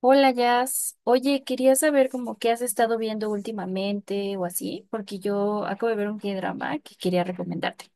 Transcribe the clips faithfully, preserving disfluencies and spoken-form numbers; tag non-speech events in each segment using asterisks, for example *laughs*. Hola, Jazz. Oye, quería saber como qué has estado viendo últimamente o así, porque yo acabo de ver un K-drama que quería recomendarte.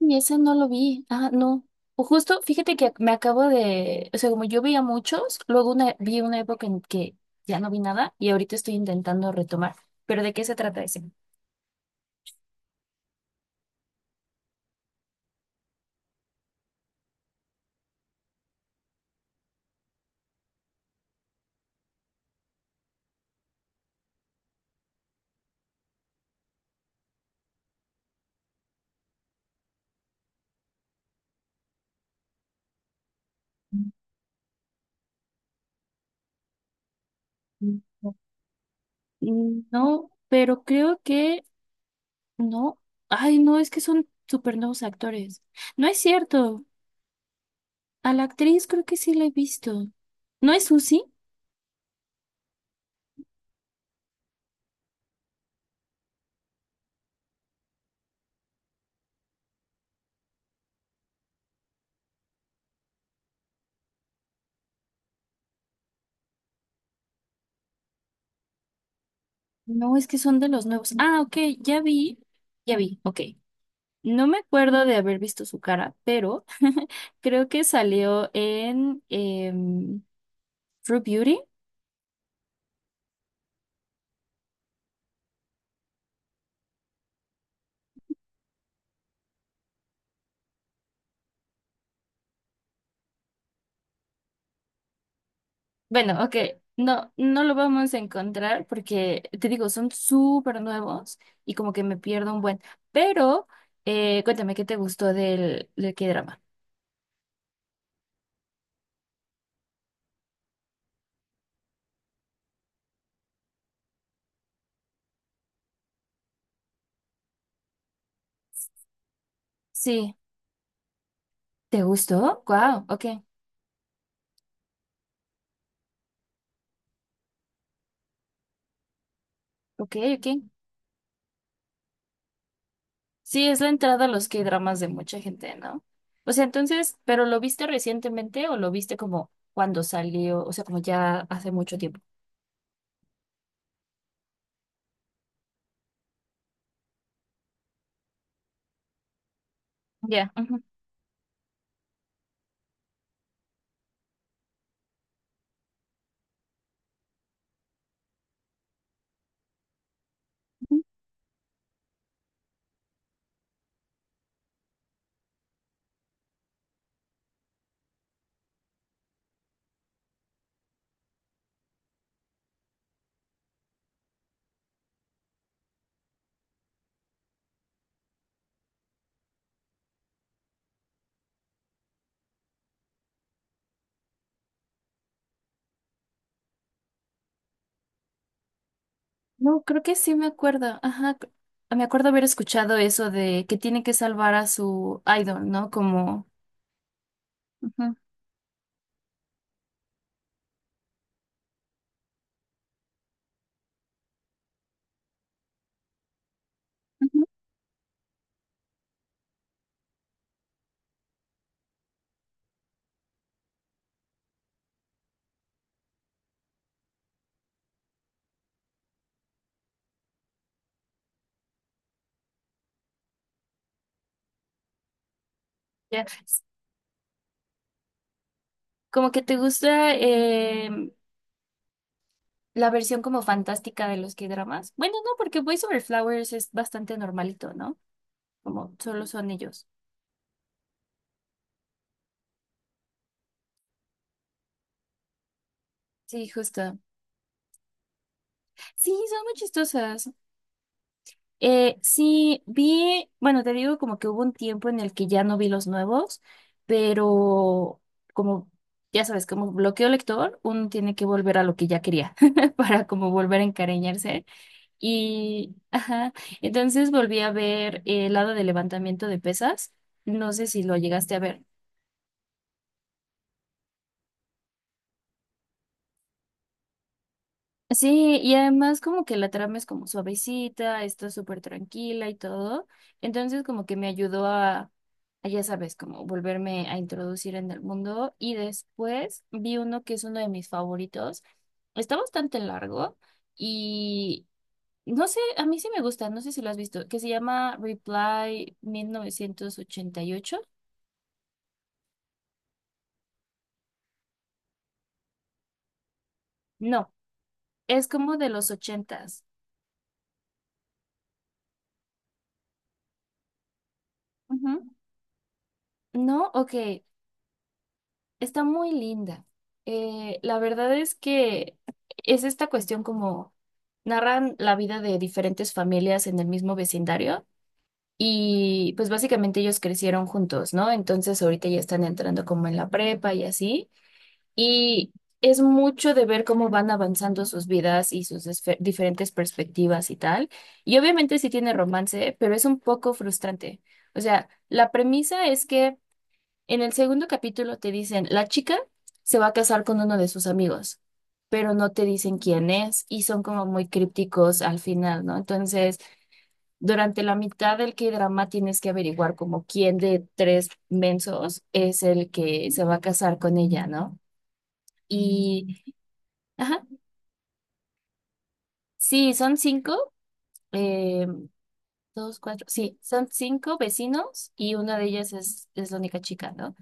Y ese no lo vi. Ah, no. O justo, fíjate que me acabo de, o sea, como yo veía muchos, luego una, vi una época en que ya no vi nada y ahorita estoy intentando retomar. ¿Pero de qué se trata ese? Mm. No, pero creo que no. Ay, no, es que son súper nuevos actores. No es cierto. A la actriz creo que sí la he visto. ¿No es Susi? No, es que son de los nuevos. Ah, ok, ya vi. Ya vi, ok. No me acuerdo de haber visto su cara, pero creo que salió en em, True Beauty. Bueno, ok, no, no lo vamos a encontrar porque, te digo, son súper nuevos y como que me pierdo un buen. Pero, eh, cuéntame, ¿qué te gustó del, del K-drama? Sí, ¿te gustó? Wow, ok, ok, ok. Sí, es la entrada a los K-dramas de mucha gente, ¿no? O sea, entonces, ¿pero lo viste recientemente o lo viste como cuando salió? O sea, como ya hace mucho tiempo. Ya. Ujú. No, creo que sí me acuerdo. Ajá. cr- Me acuerdo haber escuchado eso de que tiene que salvar a su idol, ¿no? Como. Ujú, ujú, ya. Como que te gusta em, la versión como fantástica de los K-dramas. Bueno, no, porque Boys Over Flowers es bastante normalito, ¿no? Como solo son ellos. Sí, justo. Sí, son muy chistosas. Eh, sí, vi, bueno, te digo como que hubo un tiempo en el que ya no vi los nuevos, pero como, ya sabes, como bloqueo lector, uno tiene que volver a lo que ya quería *laughs* para como volver a encariñarse. Y, ajá, entonces volví a ver eh, el lado de levantamiento de pesas. No sé si lo llegaste a ver. Sí, y además como que la trama es como suavecita, está súper tranquila y todo. Entonces como que me ayudó a, a, ya sabes, como volverme a introducir en el mundo. Y después vi uno que es uno de mis favoritos. Está bastante largo y no sé, a mí sí me gusta, no sé si lo has visto, que se llama Reply mil novecientos ochenta y ocho. No, es como de los ochentas. Ujú. No, ok. Está muy linda. Eh, la verdad es que es esta cuestión como narran la vida de diferentes familias en el mismo vecindario y pues básicamente ellos crecieron juntos, ¿no? Entonces ahorita ya están entrando como en la prepa y así. Y es mucho de ver cómo van avanzando sus vidas y sus esfe- diferentes perspectivas y tal. Y obviamente sí tiene romance, pero es un poco frustrante. O sea, la premisa es que en el segundo capítulo te dicen, la chica se va a casar con uno de sus amigos, pero no te dicen quién es y son como muy crípticos al final, ¿no? Entonces, durante la mitad del K-drama tienes que averiguar como quién de tres mensos es el que se va a casar con ella, ¿no? Y, ajá, sí, son cinco, eh, dos, cuatro, sí, son cinco vecinos y una de ellas es, es la única chica, ¿no?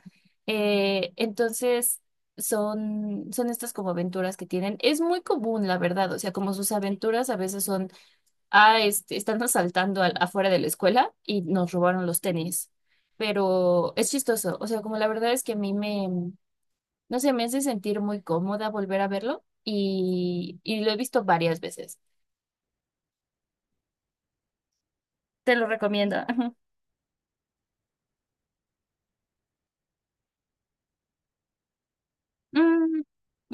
Eh, entonces, son, son estas como aventuras que tienen. Es muy común, la verdad. O sea, como sus aventuras a veces son, ah, este, están asaltando al- afuera de la escuela y nos robaron los tenis. Pero es chistoso. O sea, como la verdad es que a mí me, no sé, me hace sentir muy cómoda volver a verlo y, y lo he visto varias veces. Te lo recomiendo. *laughs* Mm,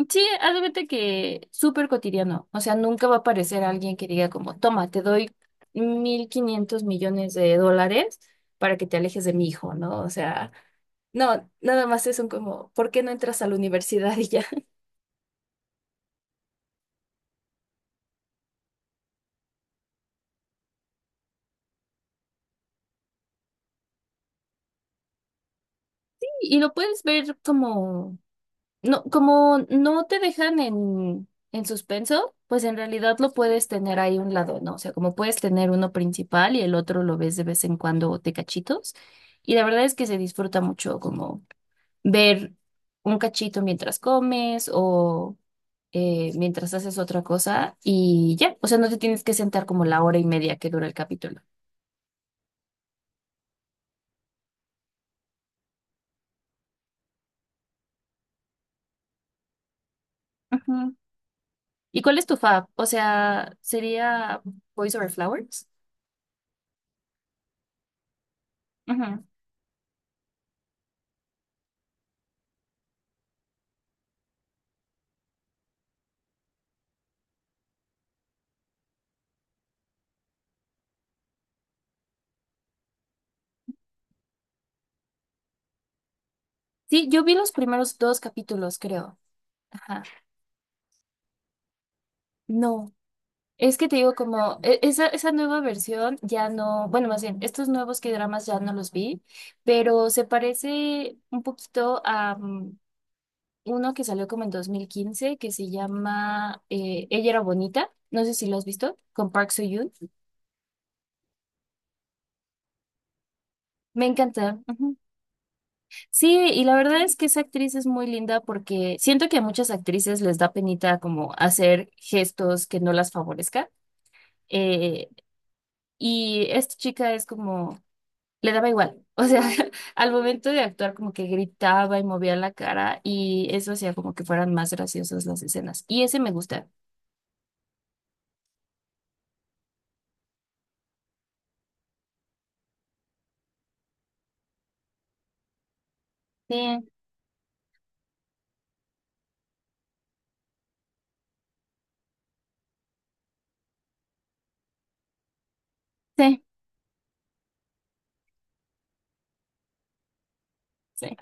sí, haz de cuenta que súper cotidiano. O sea, nunca va a aparecer alguien que diga como, toma, te doy mil quinientos millones de dólares para que te alejes de mi hijo, ¿no? O sea, no, nada más es un como, ¿por qué no entras a la universidad y ya? *laughs* Y lo puedes ver como no, como no te dejan en, en suspenso, pues en realidad lo puedes tener ahí un lado, ¿no? O sea, como puedes tener uno principal y el otro lo ves de vez en cuando de cachitos. Y la verdad es que se disfruta mucho como ver un cachito mientras comes o eh, mientras haces otra cosa y ya, o sea, no te tienes que sentar como la hora y media que dura el capítulo. Ujú. ¿Y cuál es tu fab? O sea, ¿sería Boys Over Flowers? Sí, yo vi los primeros dos capítulos, creo. Ajá. No. Es que te digo, como e- esa, esa nueva versión ya no, bueno, más bien, estos nuevos K-dramas ya no los vi, pero se parece un poquito a mm, uno que salió como en dos mil quince que se llama eh, Ella era bonita. No sé si lo has visto, con Park Soo-yoon. Me encanta. Ujú. Sí, y la verdad es que esa actriz es muy linda porque siento que a muchas actrices les da penita como hacer gestos que no las favorezcan, eh, y esta chica es como, le daba igual. O sea, *laughs* al momento de actuar como que gritaba y movía la cara y eso hacía como que fueran más graciosas las escenas. Y ese me gusta. Sí, sí, sí.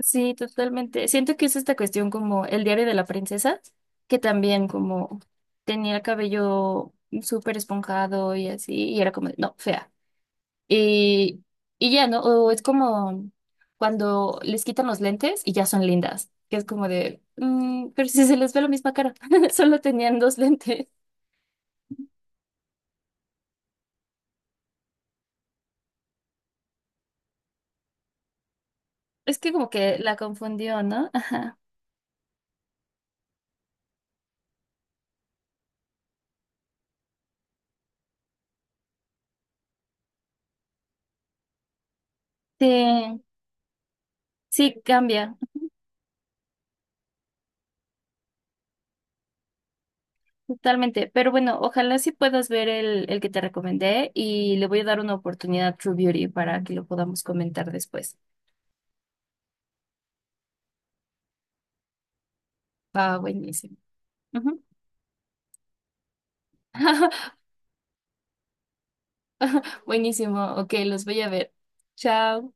Sí, totalmente. Siento que es esta cuestión como el diario de la princesa, que también como tenía el cabello súper esponjado y así, y era como, de, no, fea. Y, y ya, ¿no? O es como cuando les quitan los lentes y ya son lindas, que es como de, "Mm, pero si se les ve la misma cara, *laughs* solo tenían dos lentes." Es que como que la confundió, ¿no? *laughs* Sí, sí, cambia totalmente. Pero bueno, ojalá sí puedas ver el, el que te recomendé y le voy a dar una oportunidad a True Beauty para que lo podamos comentar después. Va, buenísimo. Ujú. *laughs* Buenísimo, ok, los voy a ver. Chao.